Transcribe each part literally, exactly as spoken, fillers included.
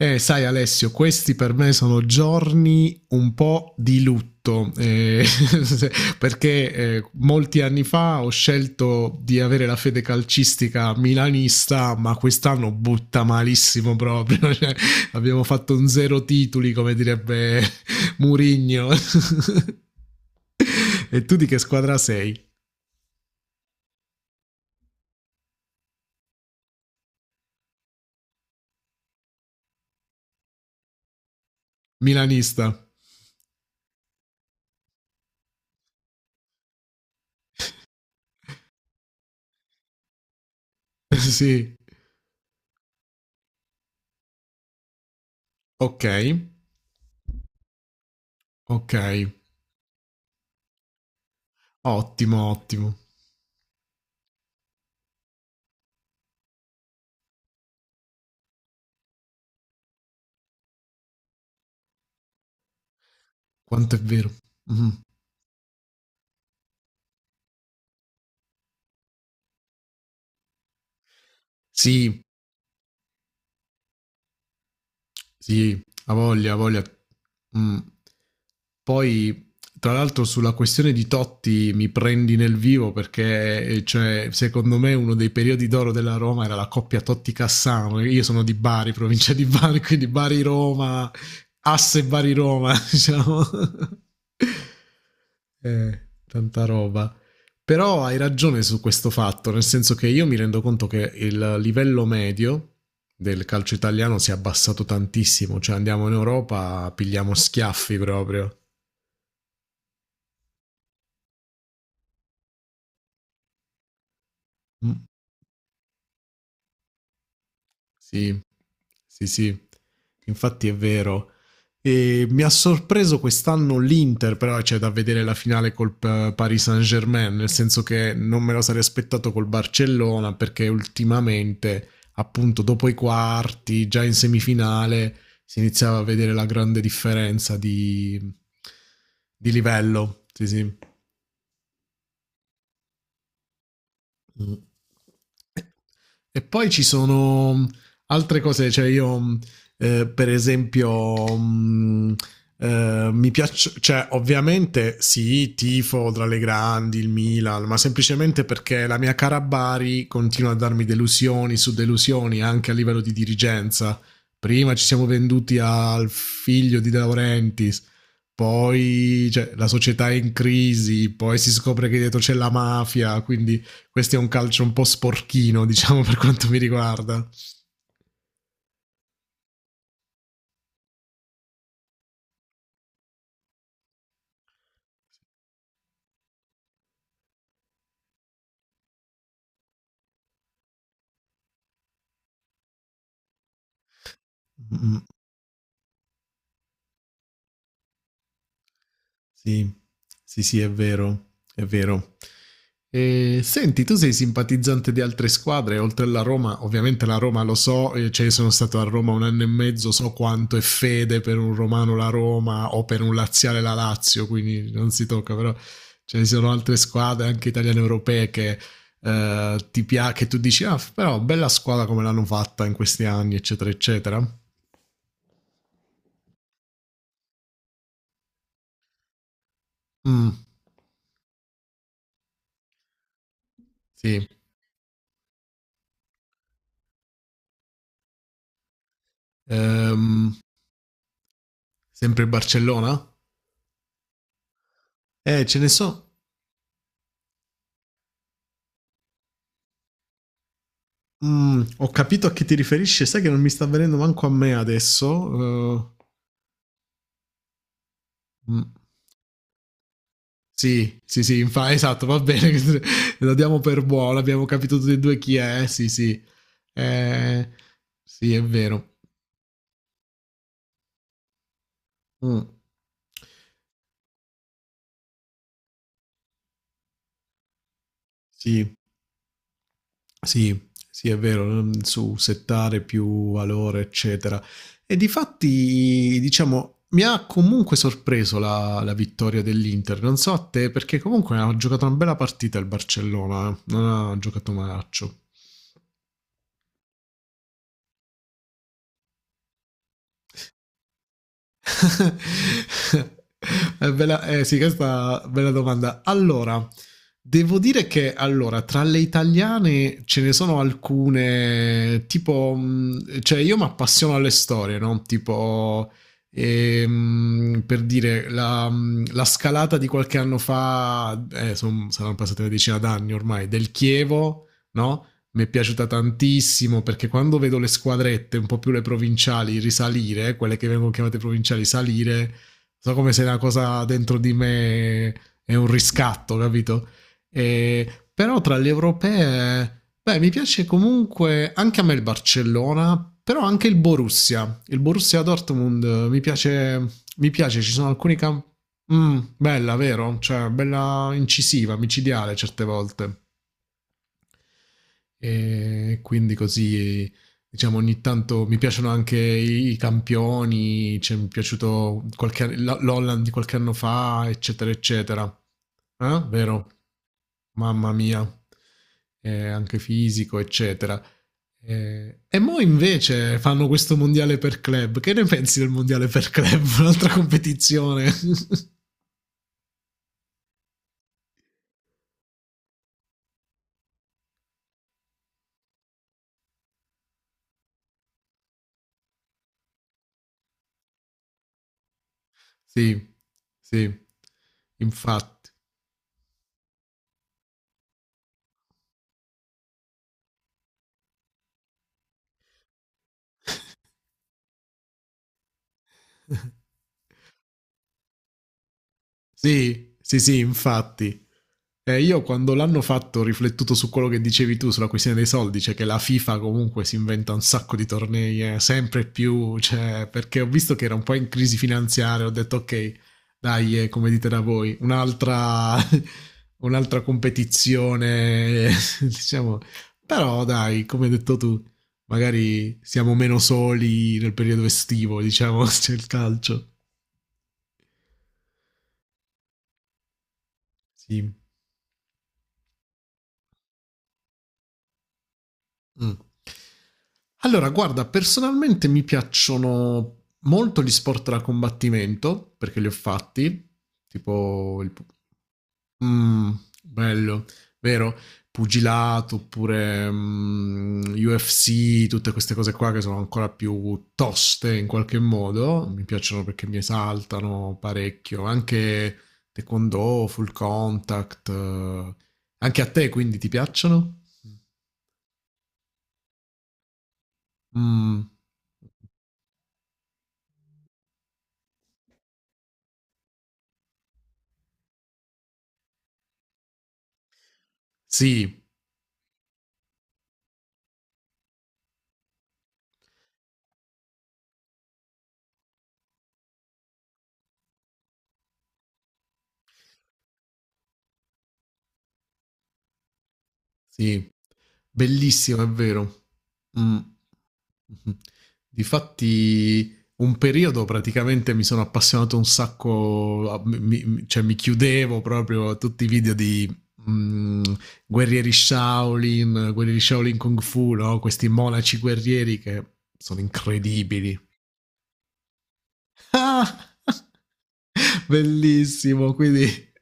Eh, sai Alessio, questi per me sono giorni un po' di lutto, eh, perché eh, molti anni fa ho scelto di avere la fede calcistica milanista, ma quest'anno butta malissimo proprio, cioè, abbiamo fatto un zero titoli, come direbbe Murigno. E tu di che squadra sei? Milanista. Sì, ok, ok, ottimo, ottimo. Quanto è vero. Mm. Sì, sì, ha voglia, ha voglia. Mm. Poi, tra l'altro, sulla questione di Totti mi prendi nel vivo perché, eh, cioè, secondo me, uno dei periodi d'oro della Roma era la coppia Totti-Cassano. Io sono di Bari, provincia di Bari, quindi Bari-Roma, asse Bari-Roma, diciamo. eh, Tanta roba. Però hai ragione su questo fatto, nel senso che io mi rendo conto che il livello medio del calcio italiano si è abbassato tantissimo, cioè andiamo in Europa, pigliamo schiaffi proprio. Sì, sì, sì, infatti è vero. E mi ha sorpreso quest'anno l'Inter, però c'è da vedere la finale col eh, Paris Saint-Germain, nel senso che non me lo sarei aspettato col Barcellona, perché ultimamente, appunto, dopo i quarti, già in semifinale, si iniziava a vedere la grande differenza di, di livello. Sì, sì. Mm. E poi ci sono mm, altre cose, cioè io mm, eh, per esempio mm, eh, mi piace, cioè ovviamente sì, tifo tra le grandi, il Milan, ma semplicemente perché la mia cara Bari continua a darmi delusioni su delusioni anche a livello di dirigenza. Prima ci siamo venduti al figlio di De Laurentiis, poi cioè, la società è in crisi, poi si scopre che dietro c'è la mafia, quindi questo è un calcio un po' sporchino, diciamo, per quanto mi riguarda. Mm, sì, sì, sì, è vero, è vero. E, senti, tu sei simpatizzante di altre squadre, oltre alla Roma, ovviamente la Roma lo so, eh, cioè sono stato a Roma un anno e mezzo, so quanto è fede per un romano la Roma o per un laziale la Lazio, quindi non si tocca, però ce ne sono altre squadre, anche italiane europee, che eh, ti piace, che tu dici, ah, però bella squadra come l'hanno fatta in questi anni, eccetera, eccetera. Mh, sì. Ehm, sempre Barcellona? Eh, ce ne so mhmm, ho capito a chi ti riferisci, sai che non mi sta venendo manco a me adesso. Ehm, mh, sì, sì, sì, infa esatto, va bene, la diamo per buona, abbiamo capito tutti e due chi è, eh, sì, sì. Ehm, sì, è vero. Mh. Sì. Sì, sì, è vero, non- su settare più valore, eccetera. E difatti, diciamo, mi ha comunque sorpreso la, la vittoria dell'Inter. Non so a te, perché comunque ha giocato una bella partita il Barcellona, eh. Non ha giocato malaccio. Eh, bella, eh, sì, questa è una bella domanda. Allora, devo dire che allora, tra le italiane ce ne sono alcune, tipo, mh, cioè io mi appassiono alle storie, no? Tipo, ehm, per dire, la, mh, la scalata di qualche anno fa, eh, son- saranno passate una decina d'anni ormai, del Chievo, no? Mi è piaciuta tantissimo perché quando vedo le squadrette, un po' più le provinciali, risalire, quelle che vengono chiamate provinciali, salire, so come se una cosa dentro di me è un riscatto, capito? E, però tra le europee, beh, mi piace comunque anche a me il Barcellona, però anche il Borussia, il Borussia Dortmund mi piace, mi piace ci sono alcuni campi. Mm, bella, vero? Cioè, bella incisiva, micidiale certe volte. E quindi così, diciamo, ogni tanto mi piacciono anche i i campioni, cioè, mi è piaciuto qualche, la- l'Holland di qualche anno fa, eccetera, eccetera. Eh? Vero? Mamma mia, eh, anche fisico, eccetera. Eh, e mo invece fanno questo mondiale per club. Che ne pensi del mondiale per club? Un'altra competizione. Sì, sì, infatti. Sì, sì, sì, infatti. Eh, io quando l'hanno fatto ho riflettuto su quello che dicevi tu sulla questione dei soldi, cioè che la FIFA comunque si inventa un sacco di tornei, eh, sempre più, cioè, perché ho visto che era un po' in crisi finanziaria, ho detto ok, dai, eh, come dite da voi, un'altra, un'altra competizione, diciamo, però dai, come hai detto tu, magari siamo meno soli nel periodo estivo, diciamo, c'è il calcio. Sì. Mm. Allora, guarda, personalmente mi piacciono molto gli sport da combattimento perché li ho fatti, tipo il... pu- Mm, bello, vero? Pugilato oppure mm, U F C, tutte queste cose qua che sono ancora più toste in qualche modo, mi piacciono perché mi esaltano parecchio, anche Taekwondo, Full Contact, eh, anche a te quindi ti piacciono? Mm. Sì, sì, bellissimo, è vero. Mm. Mhm. Difatti, un periodo praticamente mi sono appassionato un sacco, a- mi- mi- cioè mi chiudevo proprio a tutti i video di mm, guerrieri Shaolin, guerrieri Shaolin Kung Fu, no? Questi monaci guerrieri che sono incredibili. Ah! Bellissimo, quindi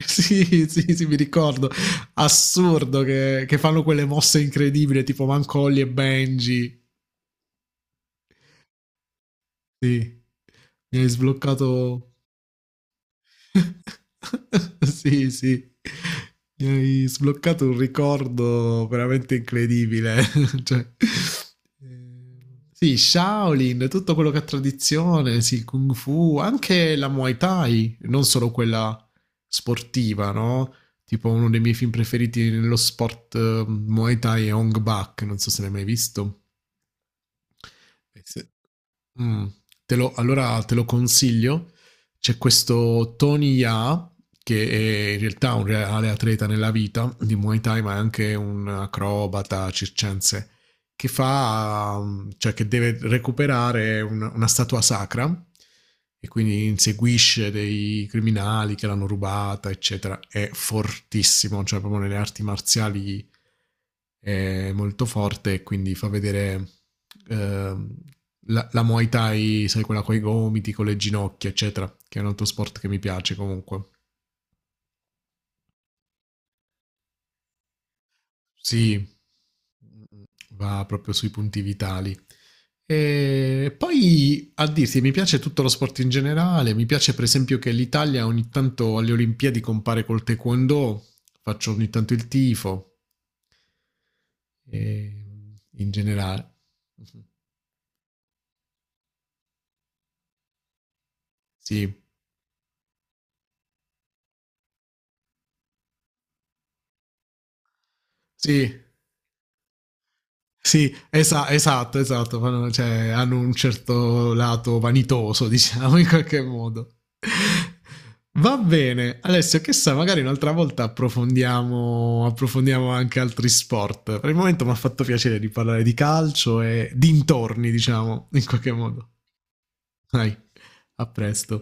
sì, sì, sì, mi ricordo. Assurdo che, che fanno quelle mosse incredibili, tipo Mancolli e Benji. Sì, mi hai sbloccato sì, sì. Mi hai sbloccato un ricordo veramente incredibile. Cioè, ehm, sì, Shaolin, tutto quello che è tradizione, sì, Kung Fu, anche la Muay Thai, non solo quella sportiva, no? Tipo uno dei miei film preferiti nello sport eh, Muay Thai è Hong Bak, non so se l'hai mai visto. Eh, se- Mm. Te lo- allora te lo consiglio. C'è questo Tony Ya, che è in realtà un reale atleta nella vita di Muay Thai, ma è anche un acrobata circense, che fa, um, cioè che deve recuperare una, una statua sacra e quindi inseguisce dei criminali che l'hanno rubata, eccetera. È fortissimo, cioè proprio nelle arti marziali è molto forte e quindi fa vedere ehm, la, la Muay Thai, sai, quella con i gomiti, con le ginocchia, eccetera, che è un altro sport che mi piace comunque. Sì, va proprio sui punti vitali. E poi a dirti, mi piace tutto lo sport in generale, mi piace per esempio che l'Italia ogni tanto alle Olimpiadi compare col taekwondo, faccio ogni tanto il tifo, e in generale. Sì, sì, sì, esa- esatto, esatto, fanno- cioè, hanno un certo lato vanitoso, diciamo, in qualche modo. Va bene, Alessio, che sa, magari un'altra volta approfondiamo, approfondiamo anche altri sport. Per il momento mi ha fatto piacere di parlare di calcio e dintorni, diciamo, in qualche modo. Dai, a presto.